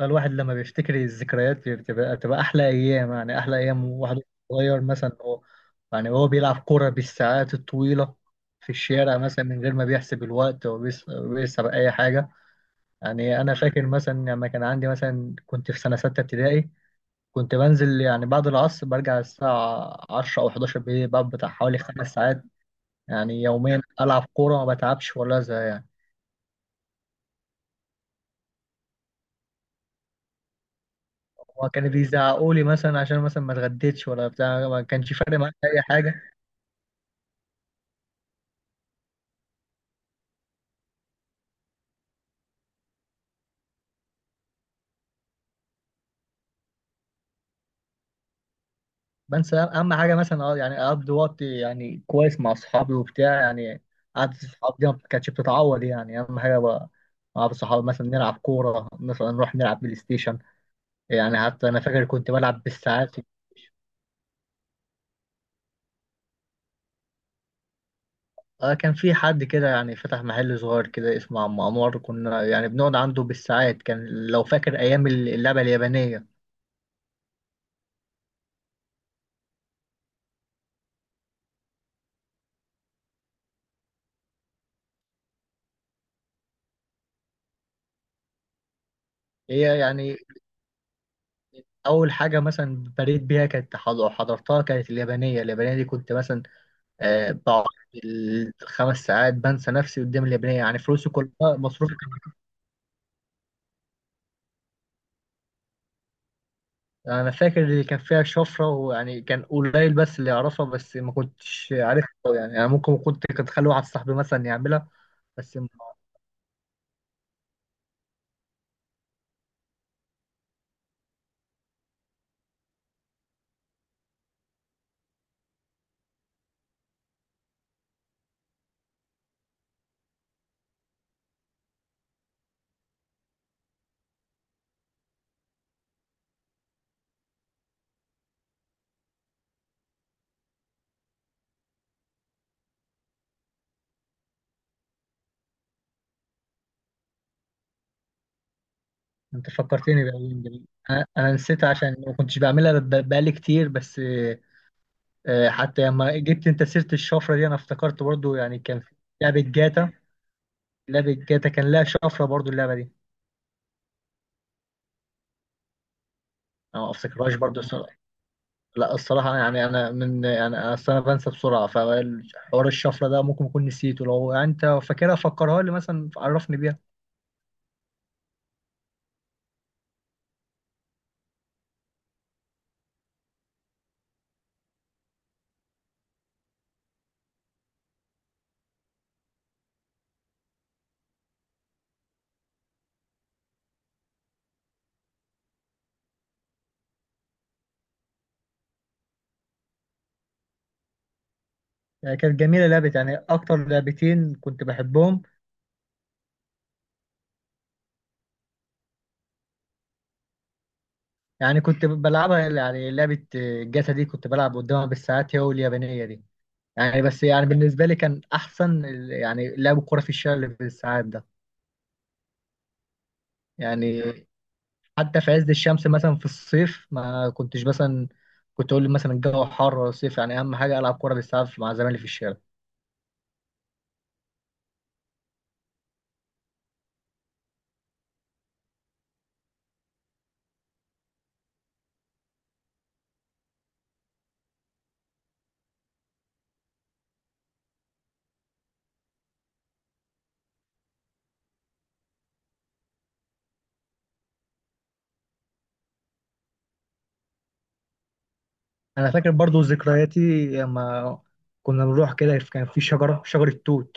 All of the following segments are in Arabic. الواحد لما بيفتكر الذكريات بتبقى احلى ايام. يعني احلى ايام واحد صغير مثلا. هو يعني هو بيلعب كرة بالساعات الطويلة في الشارع مثلا من غير ما بيحسب الوقت وبيحسب اي حاجة. يعني انا فاكر مثلا لما كان عندي مثلا كنت في سنة ستة ابتدائي، كنت بنزل يعني بعد العصر برجع الساعة 10 او 11 بالليل، بقعد بتاع حوالي خمس ساعات يعني يوميا العب كورة ما بتعبش ولا ازهق يعني. هو كانوا بيزعقوا لي مثلا عشان مثلا ما اتغديتش ولا بتاع، ما كانش فارق معايا اي حاجة. بنسى اهم حاجه مثلا، اه يعني اقضي وقت يعني كويس مع اصحابي وبتاع يعني. قعدة الصحاب دي ما كانتش بتتعوض، يعني اهم حاجه بقى مع الصحاب. مثلا نلعب كوره، مثلا نروح نلعب بلاي ستيشن، يعني حتى انا فاكر كنت بلعب بالساعات. آه كان في حد كده يعني فتح محل صغير كده اسمه عم انور، كنا يعني بنقعد عنده بالساعات، كان لو فاكر ايام اللعبه اليابانيه. هي يعني اول حاجه مثلا بريت بيها كانت حضرتها كانت اليابانيه. اليابانيه دي كنت مثلا بقعد الخمس ساعات بنسى نفسي قدام اليابانية، يعني فلوسي كلها مصروفة. أنا فاكر اللي كان فيها شفرة، ويعني كان قليل بس اللي يعرفها، بس ما كنتش عارفها أوي يعني. أنا ممكن كنت أخلي واحد صاحبي مثلا يعملها. بس ما- أنت فكرتني بأيام جميلة. أنا نسيتها عشان ما كنتش بعملها، بقالي كتير بس. حتى لما جبت أنت سيرة الشفرة دي أنا افتكرت برضو، يعني كان في لعبة جاتا. لعبة جاتا كان لها شفرة برضو اللعبة دي. أنا ما أفتكرهاش برضو لا، الصراحة يعني. أنا من يعني أنا أصل أنا بنسى بسرعة، فحوار الشفرة ده ممكن أكون نسيته. لو أنت فاكرها فكرها لي مثلا، عرفني بيها. يعني كانت جميلة لعبة، يعني أكتر لعبتين كنت بحبهم. يعني كنت بلعبها، يعني لعبة الجاتا دي كنت بلعب قدامها بالساعات، هي واليابانية دي. يعني بس يعني بالنسبة لي كان أحسن يعني لعب الكورة في الشارع اللي بالساعات ده. يعني حتى في عز الشمس مثلا في الصيف ما كنتش مثلا كنت أقول مثلا الجو حر ولا صيف يعني، أهم حاجة ألعب كورة بالساعات مع زمايلي في الشارع. انا فاكر برضو ذكرياتي لما كنا بنروح كده، كان في شجره، شجره توت،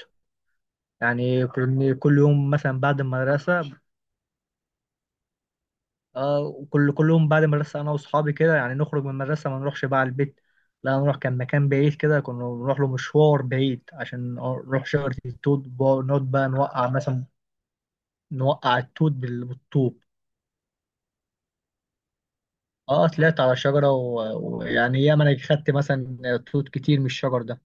يعني كنا كل يوم مثلا بعد المدرسه. آه كل يوم بعد المدرسه انا واصحابي كده يعني نخرج من المدرسه ما نروحش بقى على البيت. لا نروح كان مكان بعيد كده، كنا بنروح له مشوار بعيد عشان نروح شجره التوت نقعد بقى نوقع مثلا، نوقع التوت بالطوب. اه طلعت على شجره ويعني ياما انا خدت مثلا توت كتير من الشجر ده.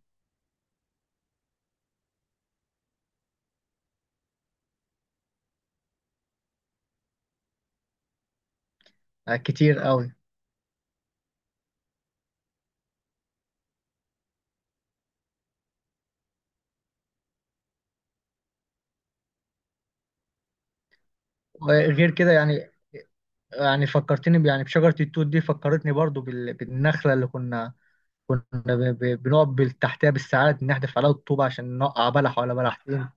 آه، كتير قوي. غير كده يعني. يعني فكرتني يعني بشجرة التوت دي، فكرتني برضو بالنخلة اللي كنا كنا بنقف تحتها بالساعات، نحدف عليها الطوبة عشان نوقع بلح ولا بلحتين.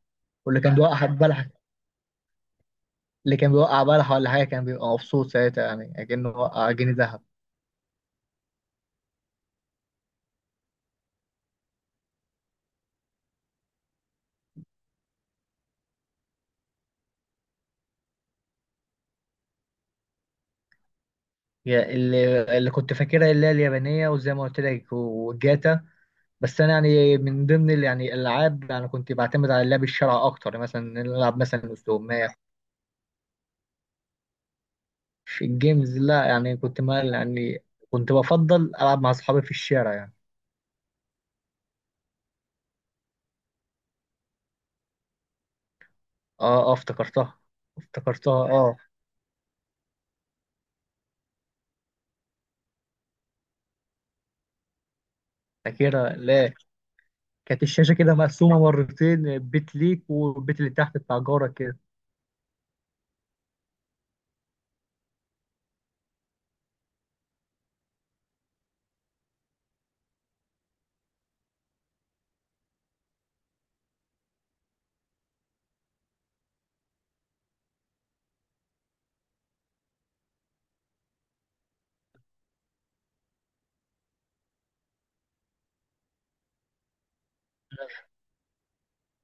واللي كان بيوقع بلح، اللي كان بيوقع بلح ولا حاجة كان بيبقى مبسوط ساعتها، يعني كأنه وقع جنيه ذهب. اللي كنت فاكرها اللي هي اليابانية، وزي ما قلت لك، وجاتا. بس أنا يعني من ضمن يعني الألعاب يعني كنت بعتمد على اللعب الشرعي أكتر، مثلا نلعب مثلا استغماية. في الجيمز لا يعني كنت مال يعني، كنت بفضل ألعب مع أصحابي في الشارع يعني. اه افتكرتها اه. فاكرها لا، كانت الشاشة كده مقسومة مرتين، بيت ليك والبيت اللي تحت بتاع جارك كده.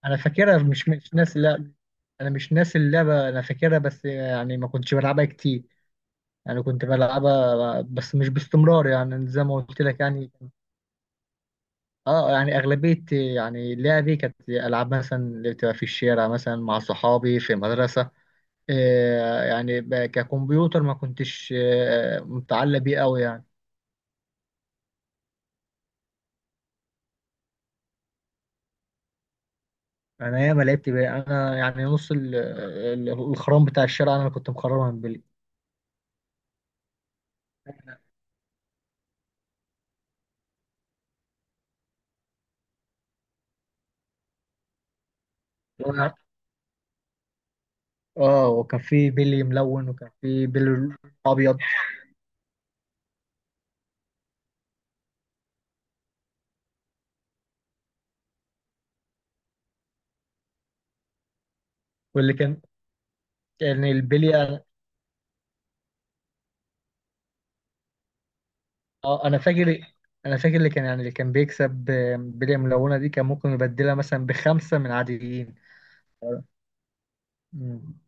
أنا فاكرها، مش لا. أنا مش ناسي اللعبة أنا فاكرها، بس يعني ما كنتش بلعبها كتير. يعني كنت بلعبها بس مش باستمرار يعني، زي ما قلت لك يعني. اه يعني أغلبية يعني لعبي كانت ألعاب مثلا اللي بتبقى في الشارع، مثلا مع صحابي في مدرسة. آه، يعني ككمبيوتر ما كنتش متعلق بيه قوي يعني. انا ياما لعبت بيه. انا يعني نص الخرام بتاع الشارع انا اللي كنت مخرمها من بيلي. وأنا- اه وكان في بيلي ملون، وكان في بيلي ابيض. واللي كان يعني البلي، اه انا فاكر اللي كان يعني اللي كان بيكسب بلي ملونه دي كان ممكن يبدلها مثلا بخمسه من عاديين. مم.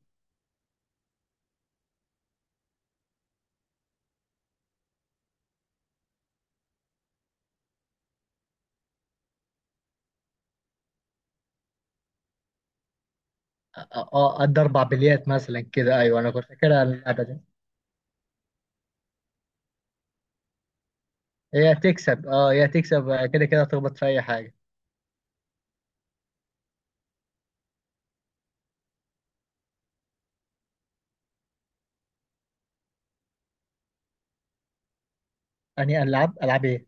اه آه، قد اربع بليات مثلا كده، ايوه انا كنت فاكرها اللعبه دي. هي تكسب، اه هي تكسب آه، كده كده تخبط في اي حاجه. اني العب، العب ايه.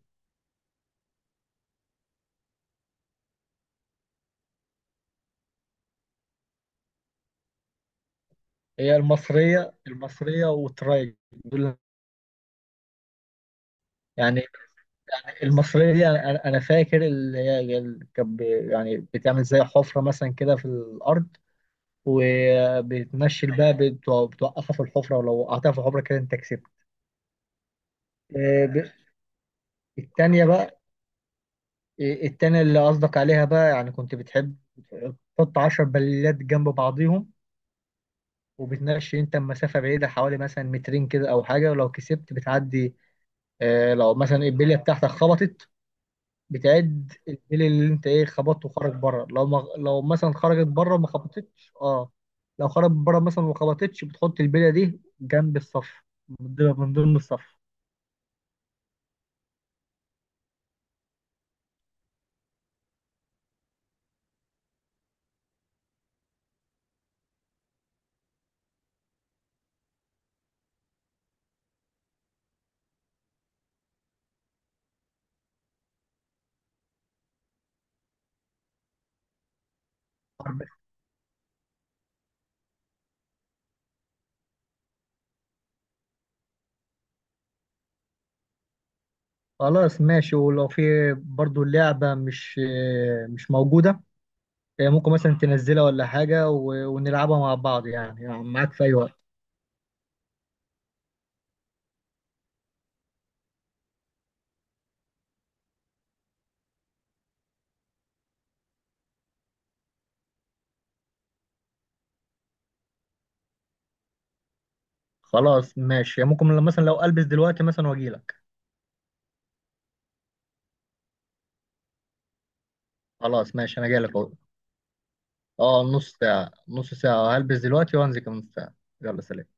هي المصريه، المصريه دول يعني. يعني المصريه دي انا انا أنا فاكر اللي هي اللي كانت يعني بتعمل زي حفره مثلا كده في الارض، وبتمشي الباء بتوقفها في الحفره، ولو وقعتها في الحفره كده انت كسبت. آه، ب- التانيه بقى. التانيه اللي قصدك عليها بقى، يعني كنت بتحب تحط 10 بليات جنب بعضيهم، وبتناقش انت مسافه بعيده حوالي مثلا مترين كده او حاجه، ولو كسبت بتعدي. آه لو مثلا البليه بتاعتك خبطت، بتعد البلي اللي انت ايه خبطته وخرج بره. لو ما لو مثلا خرجت بره ما خبطتش اه، لو خرجت بره مثلا وما خبطتش بتحط البليه دي جنب الصف، من ضمن الصف. خلاص ماشي. ولو في برضو اللعبه مش مش موجوده، ممكن مثلا تنزلها ولا حاجه ونلعبها مع بعض، يعني يعني معاك في اي وقت. خلاص ماشي، يعني ممكن مثلا لو البس دلوقتي مثلا واجي لك. خلاص ماشي، انا جاي لك اهو. اه نص ساعة، نص ساعة هلبس دلوقتي وانزل كمان نص ساعة. يلا سلام.